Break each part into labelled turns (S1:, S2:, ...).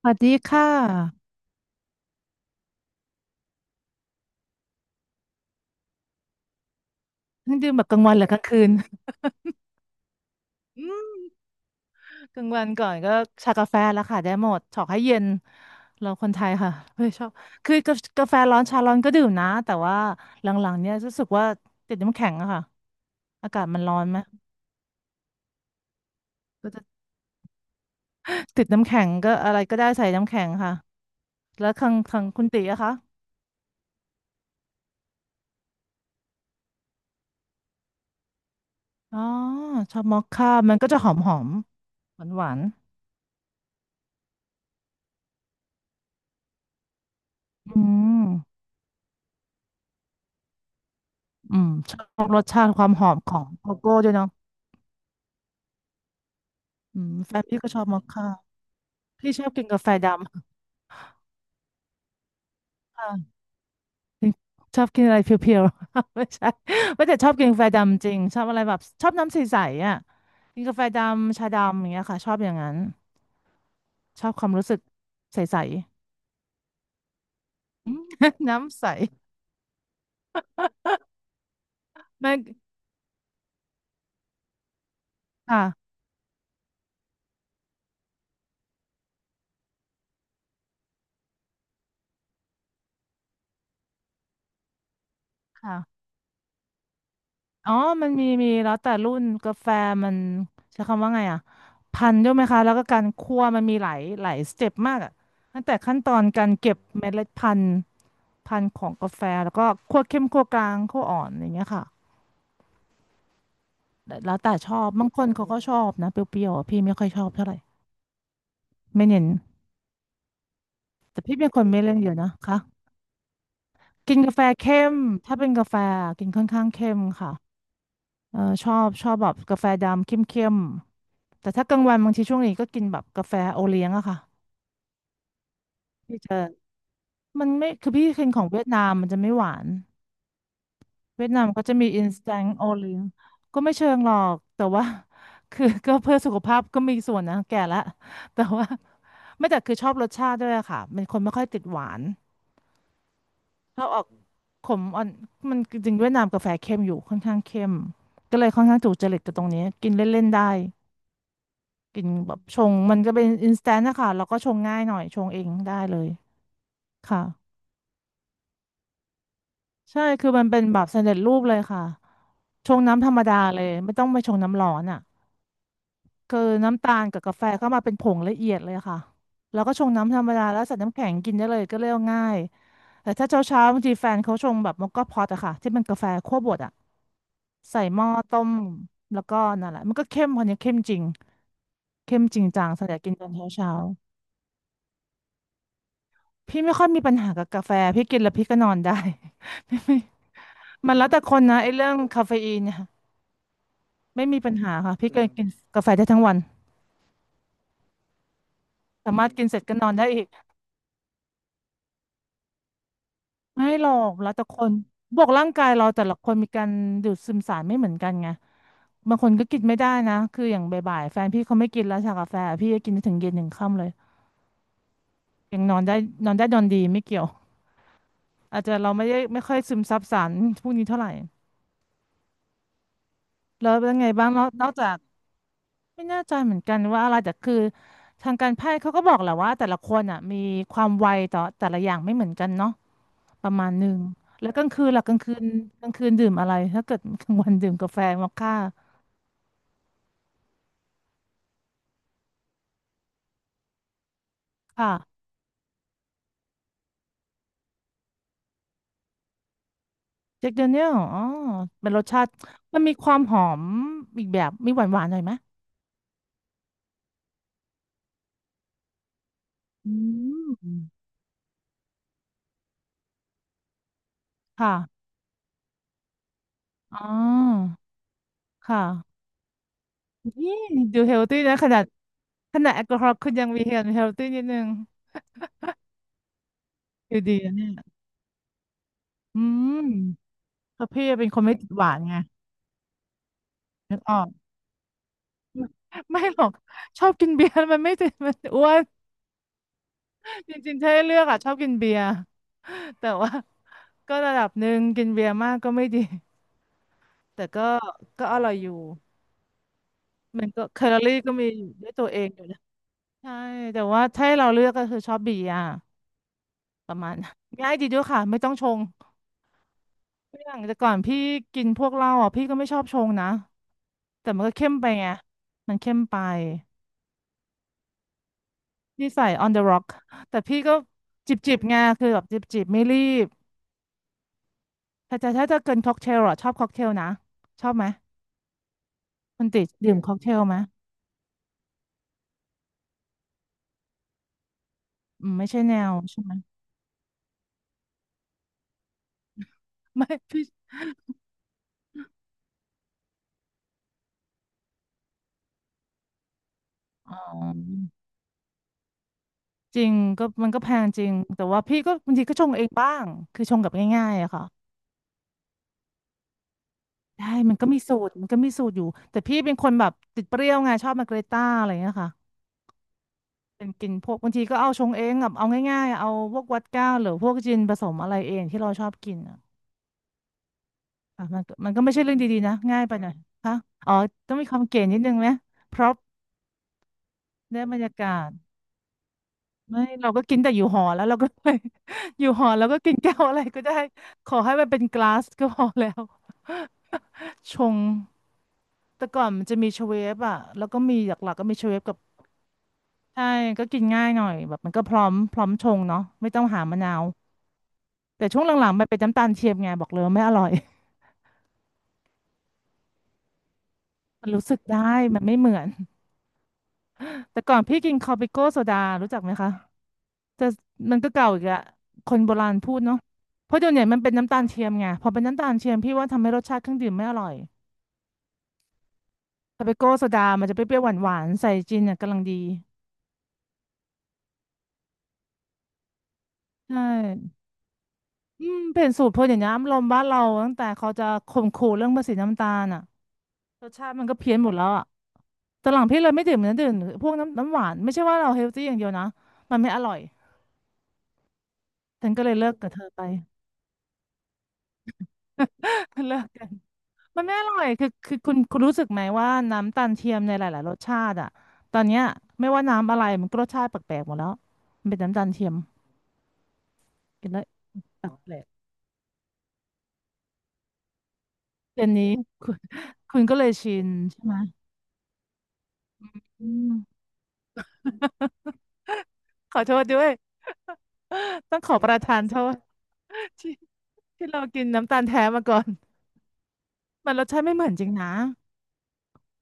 S1: สวัสดีค่ะเพิ่งดื่มแบบกลางวันหรือกลางคืนอืม กลางวันก่อนก็ชากาแฟแล้วค่ะ ได้หมดชอบให้เย็น เราคนไทยค่ะ เฮ้ยชอบ คือกาแฟร้อนชาร้อนก็ดื่มนะ แต่ว่าหลังๆเนี่ยรู้สึกว่าติดน้ำแข็งอะค่ะ อากาศมันร้อนไหมก็จะ ติดน้ำแข็งก็อะไรก็ได้ใส่น้ำแข็งค่ะ แล้วทางคุณตีอะคะอ๋อชอบมอคค่ามันก็จะหอมหอมหวานหวานๆอืมอืมชอบรสชาติความหอมของโกโก้ด้วยเนาะ อืมแฟนพี่ก็ชอบมอคค่าพี่ชอบกินกาแฟดำค่ะชอบกินอะไรเพียวๆ ไม่ใช่ไม่แต่ชอบกินกาแฟดำจริงชอบอะไรแบบชอบน้ำใสๆอ่ะกินกาแฟดำชาดำอย่างเงี้ยค่ะชอบอย่างนั้นชอบความรู้สึกใสๆ อืม น้ำใสมันค่ะค่ะอ๋อมันมีมีแล้วแต่รุ่นกาแฟมันใช้คำว่าไงอ่ะพันธุ์ด้วยไหมคะแล้วก็การคั่วมันมีหลายหลายสเต็ปมากอ่ะตั้งแต่ขั้นตอนการเก็บเมล็ดพันธุ์ พันธุ์ของกาแฟแล้วก็คั่วเข้มคั่วกลางคั่วอ่อนอย่างเงี้ยค่ะแต่แล้วแต่ชอบบางคนเขาก็ชอบนะเปรี้ยวๆอะพี่ไม่ค่อยชอบเท่าไหร่ไม่เน้นแต่พี่เป็นคนไม่เล่นเยอะนะคะกินกาแฟเข้มถ้าเป็นกาแฟกินค่อนข้างเข้มค่ะเออชอบชอบแบบกาแฟดำเข้มๆแต่ถ้ากลางวันบางทีช่วงนี้ก็กินแบบกาแฟโอเลี้ยงอะค่ะพี่จะมันไม่คือพี่กินของเวียดนามมันจะไม่หวาน เวียดนามก็จะมี instant o เลี้ยงก็ไม่เชิงหรอกแต่ว่า คือ ก็เพื่อสุขภาพก็มีส่วนนะแก่ละ แต่ว่าไม่แต่คือชอบรสชาติด้วยอะค่ะเป็นคนไม่ค่อยติดหวานชอบออกขมอ่อนมันจริงๆเวียดนามกาแฟเข้มอยู่ค่อนข้างเข้มก็เลยค่อนข้างถูกจริตกับตรงนี้กินเล่นๆได้กินแบบชงมันก็เป็น instant นะคะแล้วก็ชงง่ายหน่อยชงเองได้เลยค่ะใช่คือมันเป็นแบบสำเร็จรูปเลยค่ะชงน้ำธรรมดาเลยไม่ต้องไปชงน้ำร้อนอ่ะ คือน้ำตาลกับกาแฟเข้ามาเป็นผงละเอียดเลยค่ะแล้วก็ชงน้ำธรรมดาแล้วใส่น้ำแข็งกินได้เลยก็เรียกว่าง่ายแต่ถ้าเช้าเช้าบางทีแฟนเขาชงแบบมอคค่าพอตอะค่ะที่เป็นกาแฟคั่วบดอะใส่หม้อต้มแล้วก็นั่นแหละมันก็เข้มคนนี้เข้มจริงเข้มจริงจังสำหรับกินตอนเช้าเช้าพี่ไม่ค่อยมีปัญหากับกาแฟพี่กินแล้วพี่ก็นอนได้ มันแล้วแต่คนนะไอ้เรื่องคาเฟอีนเนี่ยไม่มีปัญหาค่ะพี่ก็กินกาแฟได้ทั้งวันสามารถกินเสร็จก็นอนได้อีก ไม่หรอกแล้วแต่คนบวกร่างกายเราแต่ละคนมีการดูดซึมสารไม่เหมือนกันไงบางคนก็กินไม่ได้นะคืออย่างบ่ายๆแฟนพี่เขาไม่กินแล้วชากาแฟพี่ก็กินไปถึงเย็นถึงค่ำเลยยังนอนได้นอนได้นอนดีไม่เกี่ยวอาจจะเราไม่ได้ไม่ค่อยซึมซับสารพวกนี้เท่าไหร่แล้วเป็นไงบ้างนอกนอกจากไม่แน่ใจเหมือนกันว่าอะไรแต่คือทางการแพทย์เขาก็บอกแหละว่าแต่ละคนอ่ะมีความไวต่อแต่ละอย่างไม่เหมือนกันเนาะ ประมาณหนึ่ง แล้วกลางคืนล่ะกลางคืนกลางคืนดื่มอะไร ถ้าเกิดกลางวันดื่มกาแฟมอคค่าค่ะ เจ็คเดเนียลอ๋อเป็นรสชาติมันมีความหอมอีกแบบ มีหวานหวานหน่อยไหมอืม ค่ะ อ๋อ ค่ะนี่ดูเฮลตี้นะขนาดขนาดแอลกอฮอล์คุณยังมีเฮลตี้นิดนึงอยู่ดีนะเนี่ยอืมเพราะพี่เป็นคนไม่ติดหวานไงนึกออกไม่หรอกชอบกินเบียร์แล้วมันไม่ติดมันอ้วนจริงๆถ้าให้เลือกอ่ะชอบกินเบียร์ แต่ว่า ก็ระดับหนึ่งกินเบียร์มากก็ไม่ดี แต่ก็ก็อร่อยอยู่มันก็แคลอรี่ก็มีอยู่ด้วยตัวเองอยู่นะใช่แต่ว่าถ้าให้เราเลือกก็คือชอบเบียร์ประมาณ นั้นง่ายดีด้วยค่ะไม่ต้องชงอย่างแต่ก่อนพี่กินพวกเหล้าอ่ะพี่ก็ไม่ชอบชงนะแต่มันก็เข้มไปไงมันเข้มไปพี่ใส่ on the rock แต่พี่ก็จิบจิบไงคือแบบจิบจิบไม่รีบแต่แต่ถ้าจะเกินค็อกเทลอ่ะชอบค็อกเทลนะชอบไหมมันติดดื่มค็อกเทลไหมอืมไม่ใช่แนวใช่ไหม ไม่พี่อ๋อจริงก็มันก็แพงจริงแต่ว่าพี่ก็บางทีก็ชงเองบ้างคือชงแบบง่ายๆอะค่ะใช่มันก็มีสูตรอยู่แต่พี่เป็นคนแบบติดเปรี้ยวไงชอบมาเกรต้าอะไรเงี้ยค่ะเป็นกินพวกบางทีก็เอาชงเองแบบเอาง่ายๆเอาพวกวอดก้าหรือพวกจินผสมอะไรเองที่เราชอบกินอะอ่ะมันก็ไม่ใช่เรื่องดีๆนะง่ายไปหน่อยค่ะอ๋อต้องมีความเก๋นิดนึงไหมเพราะได้บรรยากาศ ไม่เราก็กินแต่อยู่หอแล้วเราก็ อยู่หอแล้วก็กินแก้วอะไรก็ได้ขอให้มันเป็นกลาสก็พอแล้วชงแต่ก่อนมันจะมีเชเวฟอ่ะแล้วก็มีหลักๆก็มีเชเวฟกับใช่ก็กินง่ายหน่อยแบบมันก็พร้อมชงเนาะไม่ต้องหามะนาวแต่ช่วงหลังๆมันเป็นน้ำตาลเทียมไงบอกเลยว่าไม่อร่อย มันรู้สึกได้มันไม่เหมือนแต่ก่อนพี่กินคอปิโก้โซดารู้จักไหมคะแต่มันก็เก่าอีกอะคนโบราณพูดเนาะเพราะเดี๋ยวนี้มันเป็นน้ำตาลเทียมไงพอเป็นน้ำตาลเทียมพี่ว่าทำให้รสชาติเครื่องดื่มไม่อร่อย ทาเปโก้โซดามันจะเปรี้ยวๆหวานๆใส่จินเนี่ยกำลังดีใช่อืมเปลี่ยนสูตรเพราะอย่างนี้อารมณ์บ้านเราตั้งแต่เขาจะข่มขู่เรื่องภาษีน้ำตาลอ่ะรสชาติมันก็เพี้ยนหมดแล้วอ่ะตอนหลังพี่เลยไม่ดื่มนะดื่มพวกน้ำหวานไม่ใช่ว่าเราเฮลตี้อย่างเดียวนะ มันไม่อร่อยฉันก็เลยเลิกกับเธอไป เลิกกันมันไม่อร่อยคือคุณรู้สึกไหมว่าน้ำตาลเทียมในหลายๆรสชาติอ่ะตอนเนี้ยไม่ว่าน้ำอะไรมันก็รสชาติแปลกๆหมดแล้วมันเป็นน้ำตาลเทียมกินแล้วแปลก เดื๋ยนี้คุณคุณก็เลยชินใช่ไหมอืมขอโทษด้วย ต้องขอประทานโทษที่ที่เรากินน้ำตาลแท้มาก่อนมันรสชาติไม่เหมือนจริงนะ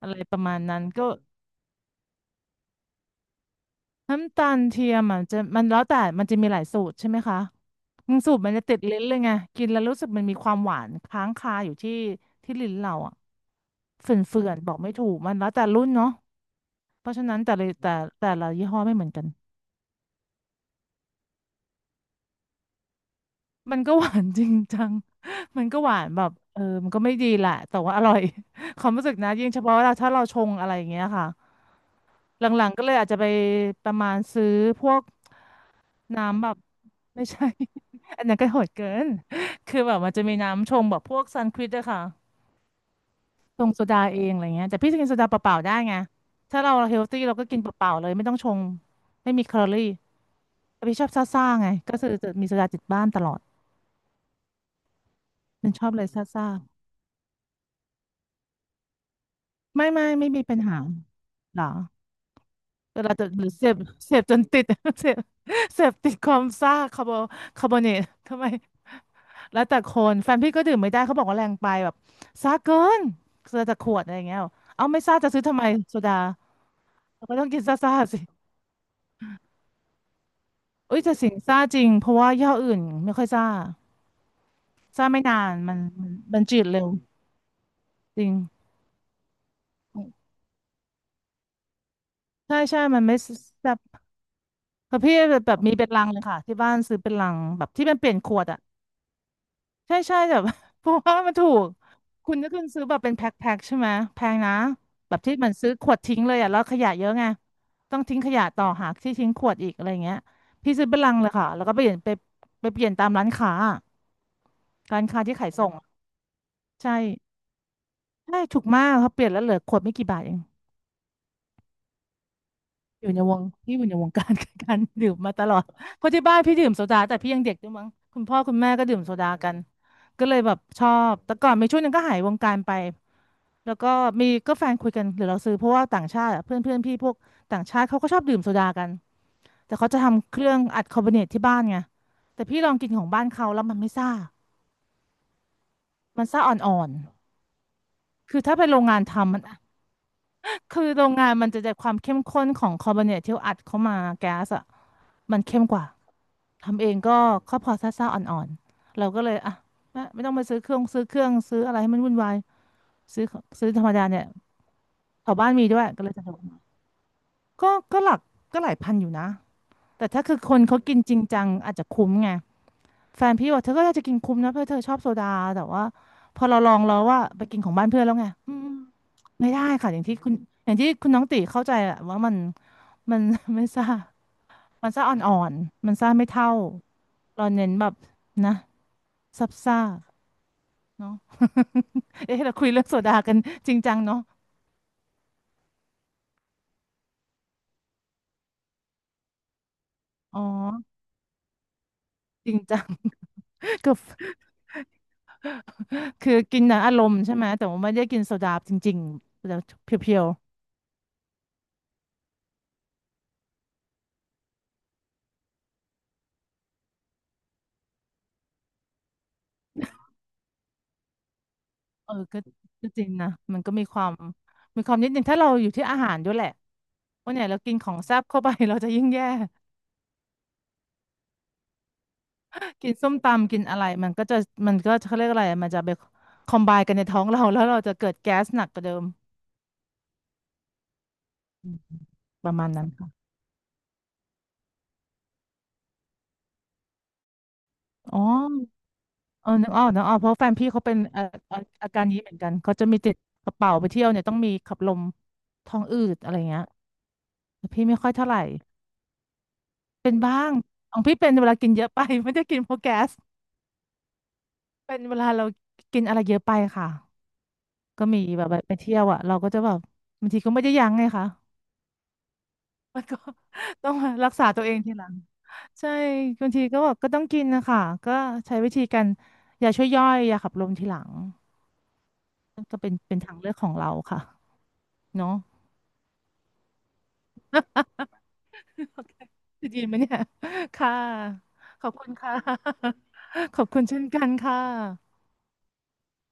S1: อะไรประมาณนั้นก็น้ำตาลเทียมอ่ะจะมันแล้วแต่มันจะมีหลายสูตรใช่ไหมคะบางสูตรมันจะติดลิ้นเลยไงกินแล้วรู้สึกมันมีความหวานค้างคาอยู่ที่ลิ้นเราอ่ะเฝื่อนๆบอกไม่ถูกมันแล้วแต่รุ่นเนาะเพราะฉะนั้นแต่ละแต่แต่ละยี่ห้อไม่เหมือนกัน มันก็หวานจริงจัง มันก็หวานแบบเออมันก็ไม่ดีแหละแต่ว่าอร่อย ความรู้สึกนะยิ่งเฉพาะเราถ้าเราชงอะไรอย่างเงี้ยค่ะหลังๆก็เลยอาจจะไปประมาณซื้อพวกน้ำแบบ ไม่ใช่ อันนั้นก็โหดเกิน คือแบบมันจะมีน้ำชงแบบพวกซันควิดอะค่ะชงโซดาเองอะไรเงี้ยแต่พี่จะกินโซดาเปล่าๆได้ไงถ้าเราเฮลตี้เราก็กินเปล่าๆเลยไม่ต้องชงไม่มีแคลอรี่แต่พี่ชอบซ่าๆไงก็คือจะมีโซดาติดบ้านตลอดมันชอบเลยซ่า ไม่มีปัญหาหรอแต่เราจะหรือเสพเสพจนติด เสพเสพติดความซ่าคาร์โบคาร์บอเนตทำไมแล้วแต่คนแฟนพี่ก็ดื่มไม่ได้เขาบอกว่าแรงไปแบบซ่าเกินซาจากขวดอะไรอย่างเงี้ยเอาไม่ซ่าจะซื้อทำไมโซดาเราก็ต้องกินซ่าๆสิอุ้ยแต่สิงซ่าจริงเพราะว่ายี่ห้ออื่นไม่ค่อยซ่าซ่าไม่นานมันจืดเร็วจริงใช่ใช่มันไม่แซ่บแต่พี่แบบมีเป็นลังเลยค่ะที่บ้านซื้อเป็นลังแบบที่มันเปลี่ยนขวดอะ ใช่ใช่แบบ เพราะว่ามันถูกคุณซื้อแบบเป็นแพ็คใช่ไหมแพงนะแบบที่มันซื้อขวดทิ้งเลยอ่ะแล้วขยะเยอะไงต้องทิ้งขยะต่อหากที่ทิ้งขวดอีกอะไรเงี้ยพี่ซื้อเป็นลังเลยค่ะแล้วก็ไปเปลี่ยนตามร้านค้าอะร้านค้าที่ขายส่งอะใช่ใช่ถูกมากเขาเปลี่ยนแล้วเหลือขวดไม่กี่บาทเองอยู่ในวงพี่อยู่ในวงการ การดื่มมาตลอดเพราะที่บ้านพี่ดื่มโซดาแต่พี่ยังเด็กด้วยมั้งคุณพ่อคุณแม่ก็ดื่มโซดากันก็เลยแบบชอบแต่ก่อนมีช่วงหนึงก็หายวงการไป แล้วก็มีก็แฟนคุยกันหรือเราซื้อเพราะว่าต่างชาติอะเพื่อนเพื่อนพี่พวกต่างชาติเขาก็ชอบดื่มโซดากันแต่เขาจะทำเครื่องอัดคาร์บอเนตที่บ้านไงแต่พี่ลองกินของบ้านเขาแล้วมันไม่ซ่ามันซ่าอ่อนๆคือถ้าเป็นโรงงานทำมัน คือโรงงานมันจะได้ความเข้มข้นของคาร์บอเนตที่อัดเข้ามาแก๊สอ่ะมันเข้มกว่าทำเองก็ก็พอซ่าอ่อนๆเราก็เลยอ่ะไม่ต้องไปซื้อเครื่องซื้ออะไรให้มันวุ่นวายซื้อซื้อธรรมดาเนี่ยแถวบ้านมีด้วยก็เลยสะดวก ก็หลักก็หลายพันอยู่นะแต่ถ้าคือคนเขากินจริงจังอาจจะคุ้มไงแฟนพี่บอกเธอก็อยากจะกินคุ้มนะเพราะเธอชอบโซดาแต่ว่าพอเราลองแล้วว่าไปกินของบ้านเพื่อนแล้วไงอืมไม่ได้ค่ะอย่างที่คุณน้องติเข้าใจแหละว่ามัน ไม่ซ่ามันซ่าอ่อนๆมันซ่าไม่เท่าเราเน้นแบบนะซับซ่าเนาะเอ๊ะเราคุยเรื่องโซดากันจริงจังเนาะอ๋อจริงจัง ก็คือกินนะอารมณ์ใช่ไหมแต่ว่าไม่ได้กินโซดาจริงๆแต่เพียว เออก็ก็จริงนะมันก็มีความมีความนิดนึงถ้าเราอยู่ที่อาหารด้วยแหละวันไหนเรากินของแซ่บเข้าไป เราจะยิ่งแย่กินส้มตำกินอะไรมันก็จะมันก็เขาเรียกอะไรมันจะไปคอมไบกันในท้องเราแล้วเราจะเกิดแก๊สหนักกว่าเดิมอืมประมาณนั้นค่ะอ๋อเออนึกออกนึกออกเพราะแฟนพี่เขาเป็นเอาออาการนี้เหมือนกันเขาจะมีติดกระเป๋าไปเที่ยวเนี่ยต้องมีขับลมท้องอืดอะไรเงี้ยแต่พี่ไม่ค่อยเท่าไหร่เป็นบ้างของพี่เป็นเวลากินเยอะไป ไม่ได้กินเพราะแก๊ส เป็นเวลาเรากินอะไรเยอะไปค่ะก็มีแบบไปเที่ยวอ่ะเราก็จะแบบบางทีก็ไม่ได้ยั้งไงคะ มันก็ ต้องมารักษาตัวเองทีหลังใช่บางทีก็แบบก็ต้องกินนะคะก็ใช้วิธีการยาช่วยย่อยยาขับลมทีหลังก็เป็นทางเลือกของเราค่ะเนาะ โอเคจะดีไหมเนี่ยค่ะขอบคุณค่ะ ขอบคุณเช่นกันค่ะ